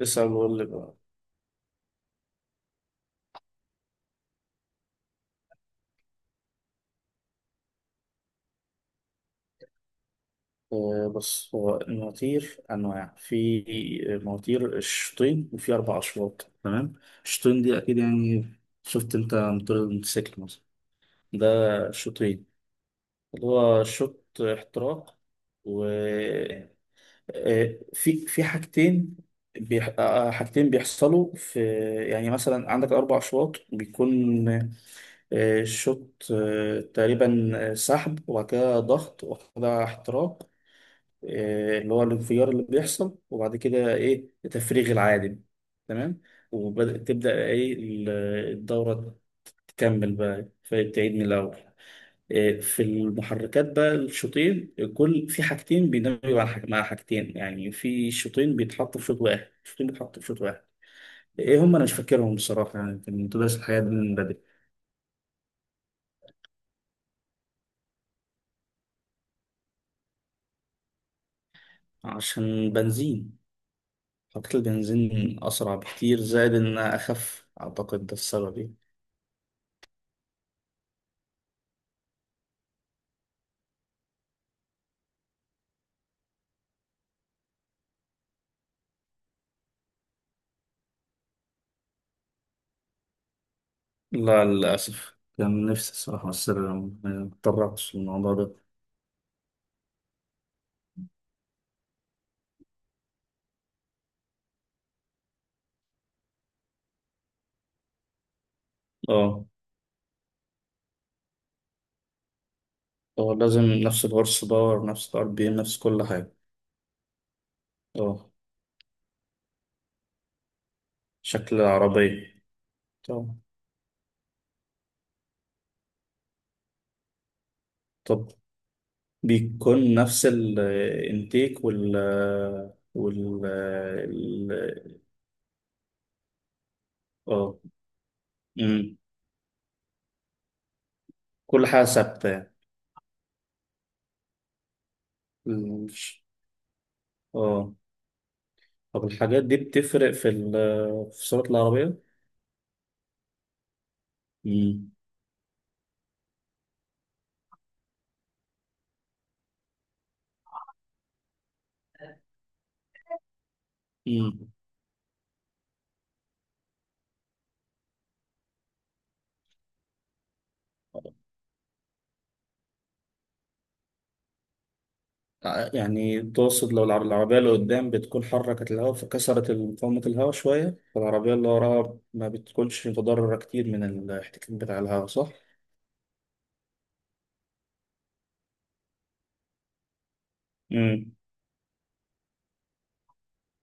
لسه بقول لك بقى. بص، هو المواتير أنواع. في مواتير الشوطين وفي أربع أشواط. تمام، الشوطين دي أكيد يعني. شفت أنت موتور الموتوسيكل مثلا، ده شوطين، اللي هو شوط احتراق و في حاجتين. بيح... آه، آه، حاجتين بيحصلوا في، يعني مثلا عندك أربع أشواط بيكون شوط، تقريبا سحب، وبعد كده ضغط، وبعد كده احتراق، اللي هو الانفجار اللي بيحصل، وبعد كده ايه تفريغ العادم. تمام، وتبدأ ايه الدورة، تكمل بقى فتعيد من الأول. في المحركات بقى الشوطين، كل في حاجتين بيندمجوا على مع حاجتين، يعني في شوطين بيتحطوا في شوط واحد، شوطين بيتحطوا في شوط واحد. ايه هم؟ انا مش فاكرهم بصراحة، يعني كنت دارس الحاجات دي من بدري. عشان بنزين، حطيت البنزين أسرع بكتير، زائد إنها أخف، أعتقد ده السبب يعني. لا، للأسف، كان نفسي الصراحة، بس ما اتطرقتش للموضوع ده. اه، هو لازم نفس الهورس باور، نفس الار بي ام، نفس كل حاجة. اه، شكل العربية. طب. طب بيكون نفس الانتيك وال وال ال- اه. أمم. كل حاجة ثابتة يعني. مش- اه. طب الحاجات دي بتفرق في ال، في سرعة العربية؟ أمم. أمم. يعني تقصد لو العربية اللي قدام بتكون حركت الهواء، فكسرت مقاومة الهواء شوية، فالعربية اللي وراها ما بتكونش متضررة كتير من الاحتكاك بتاع الهواء، صح؟ امم.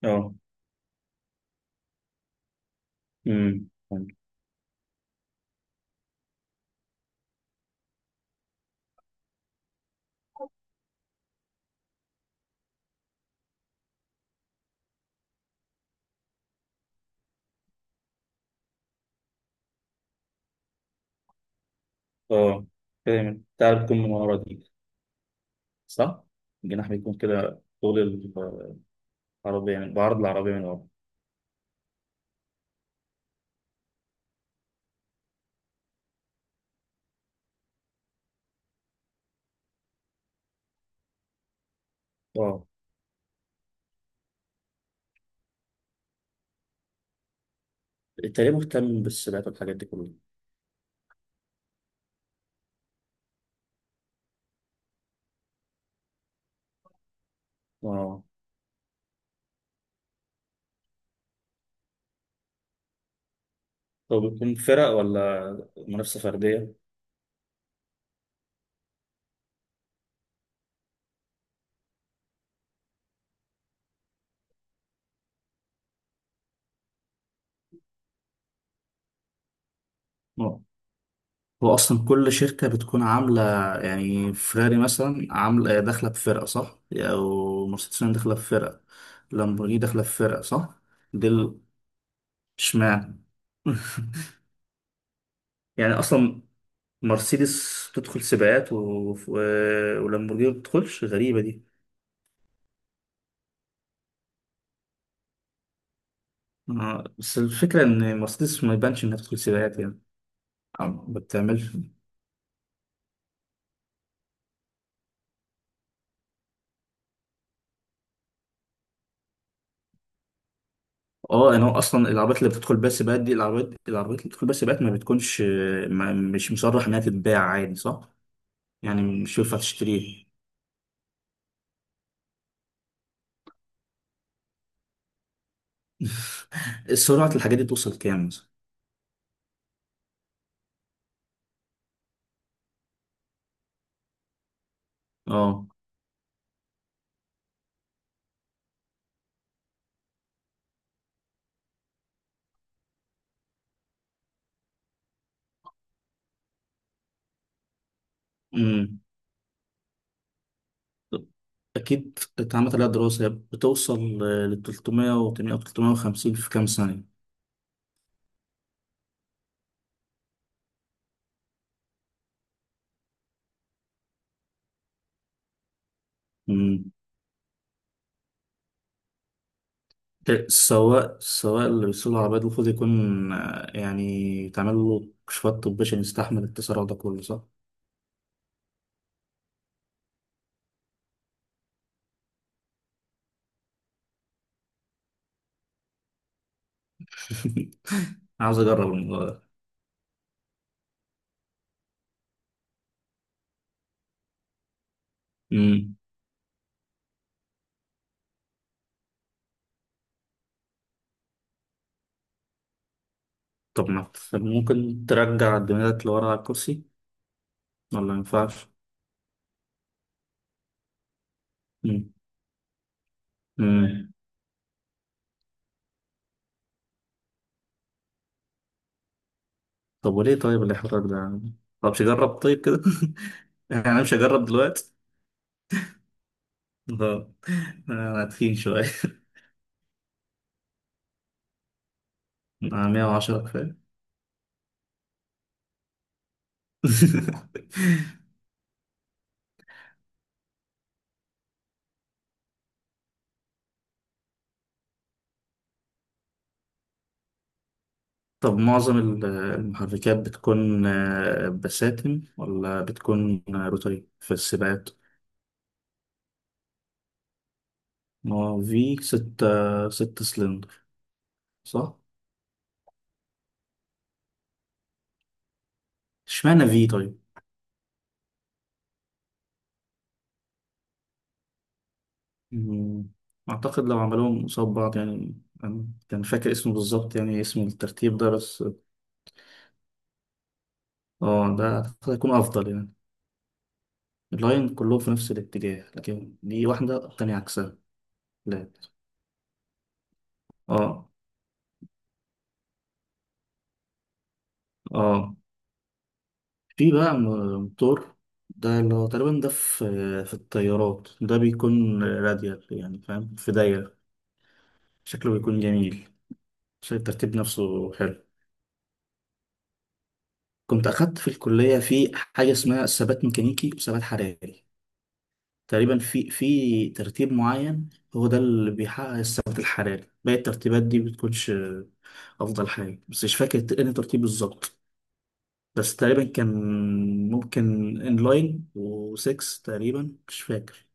اه. امم. اه، فاهم، بتاع بتكون من ورا دي، صح؟ الجناح بيكون كده طول العربية، يعني بعرض العربية من ورا. اه، التاني مهتم بالسباقات والحاجات دي كلها. اه، هو بيكون فرق ولا منافسة فردية؟ هو اصلا كل شركه بتكون عامله، يعني فيراري مثلا عامله داخله بفرقه، صح؟ او مرسيدس بنز داخله بفرقه، لامبورجيني داخله بفرقه، صح؟ دي ال- اشمعنى؟ يعني اصلا مرسيدس تدخل سباقات و... و... ولامبورجيني ما بتدخلش، غريبه دي. بس الفكره ان مرسيدس ما يبانش انها بتدخل سباقات يعني. أو ما بتعملش. اه، يعني هو اصلا العربيات اللي بتدخل بيها سباقات دي، العربيات اللي بتدخل بيها سباقات ما بتكونش، ما مش مصرح انها تتباع عادي، صح؟ يعني مش ينفع تشتريه. سرعة الحاجات دي توصل كام مثلا؟ اه. امم. أكيد اتعملت عليها دراسة. هي بتوصل ل 300 و 800 أو 350 في كام ثانية؟ امم. ده سواء اللي بيسوق العربية دي المفروض يكون، يعني تعمل له كشوفات طبية عشان يستحمل التسارع ده كله، صح؟ عاوز أجرب الموضوع ده. امم. طب ما طب ممكن ترجع الدماغ لورا على الكرسي ولا ما ينفعش؟ امم. امم. طب وليه طيب الإحراج ده يعني؟ طب مش أجرب طيب كده. يعني مش هجرب دلوقتي. اه، أنا تخين شوية. أنا 110 كفاية. طب معظم المحركات بتكون بساتم، ولا بتكون روتري في السباقات؟ ما هو في ستة، ست سلندر، صح؟ اشمعنى في طيب؟ مم. أعتقد لو عملوهم قصاد بعض يعني. أنا كان فاكر اسمه بالظبط، يعني اسم الترتيب ده بس. اه، ده هيكون أفضل يعني. اللاين كلهم في نفس الاتجاه، لكن دي واحدة التانية عكسها. لا. اه. اه، في بقى موتور، ده اللي هو تقريبا، ده في في الطيارات ده بيكون راديال، يعني فاهم، في دايرة. شكله بيكون جميل. شكل الترتيب نفسه حلو. كنت أخدت في الكلية في حاجة اسمها ثبات ميكانيكي وثبات حراري. تقريبا في في ترتيب معين هو ده اللي بيحقق الثبات الحراري، باقي الترتيبات دي بتكونش أفضل حاجة، بس مش فاكر إيه الترتيب بالظبط. بس تقريبا كان ممكن انلاين و6 تقريبا، مش فاكر.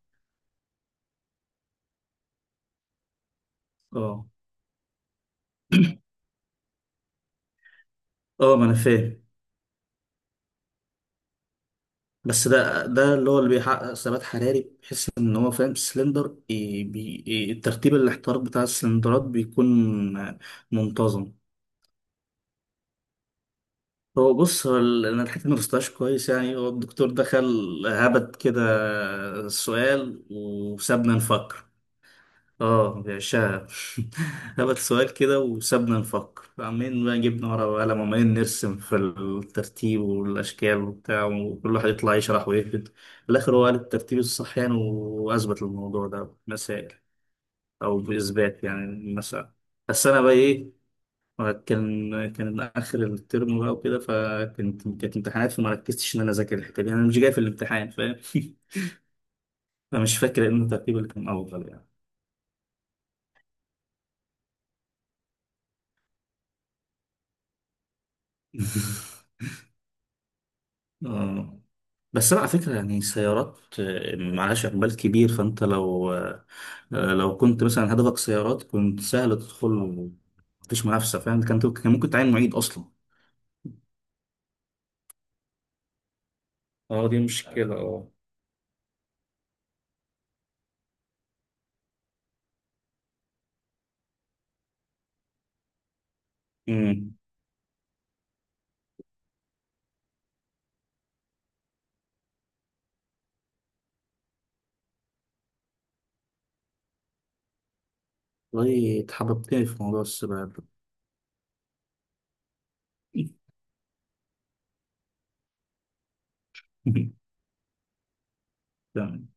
اه. اه، ما انا فاهم. بس ده ده اللي هو اللي بيحقق ثبات حراري، بحيث ان هو فاهم سلندر إيه بي إيه، الترتيب الاحتراق بتاع السلندرات بيكون منتظم. هو بص هو انا الحته ما درستهاش كويس يعني. هو الدكتور دخل هبت كده السؤال وسابنا نفكر. اه، بيعشقها. هبت سؤال كده وسابنا نفكر، عمالين بقى جبنا ورقة وقلم وعمالين نرسم في الترتيب والأشكال وبتاع، وكل واحد يطلع يشرح ويكتب. في الآخر هو قال الترتيب الصح يعني، وأثبت الموضوع ده مسائل، أو بإثبات يعني مسائل. بس أنا بقى إيه، كان كان آخر الترم بقى وكده، فكنت كانت امتحانات، فما ركزتش إن أنا أذاكر الحتة دي، أنا مش جاي في الامتحان، فاهم. فمش فاكر إن الترتيب اللي كان أفضل يعني. آه. بس انا على فكره يعني السيارات، معلهاش اقبال كبير، فانت لو لو كنت مثلا هدفك سيارات كنت سهل تدخل، مفيش منافسه، فاهم، كان كان ممكن تعين معيد اصلا. اه، دي مشكلة. اه. امم. والله اتحببتني في موضوع السباحه ده. تمام.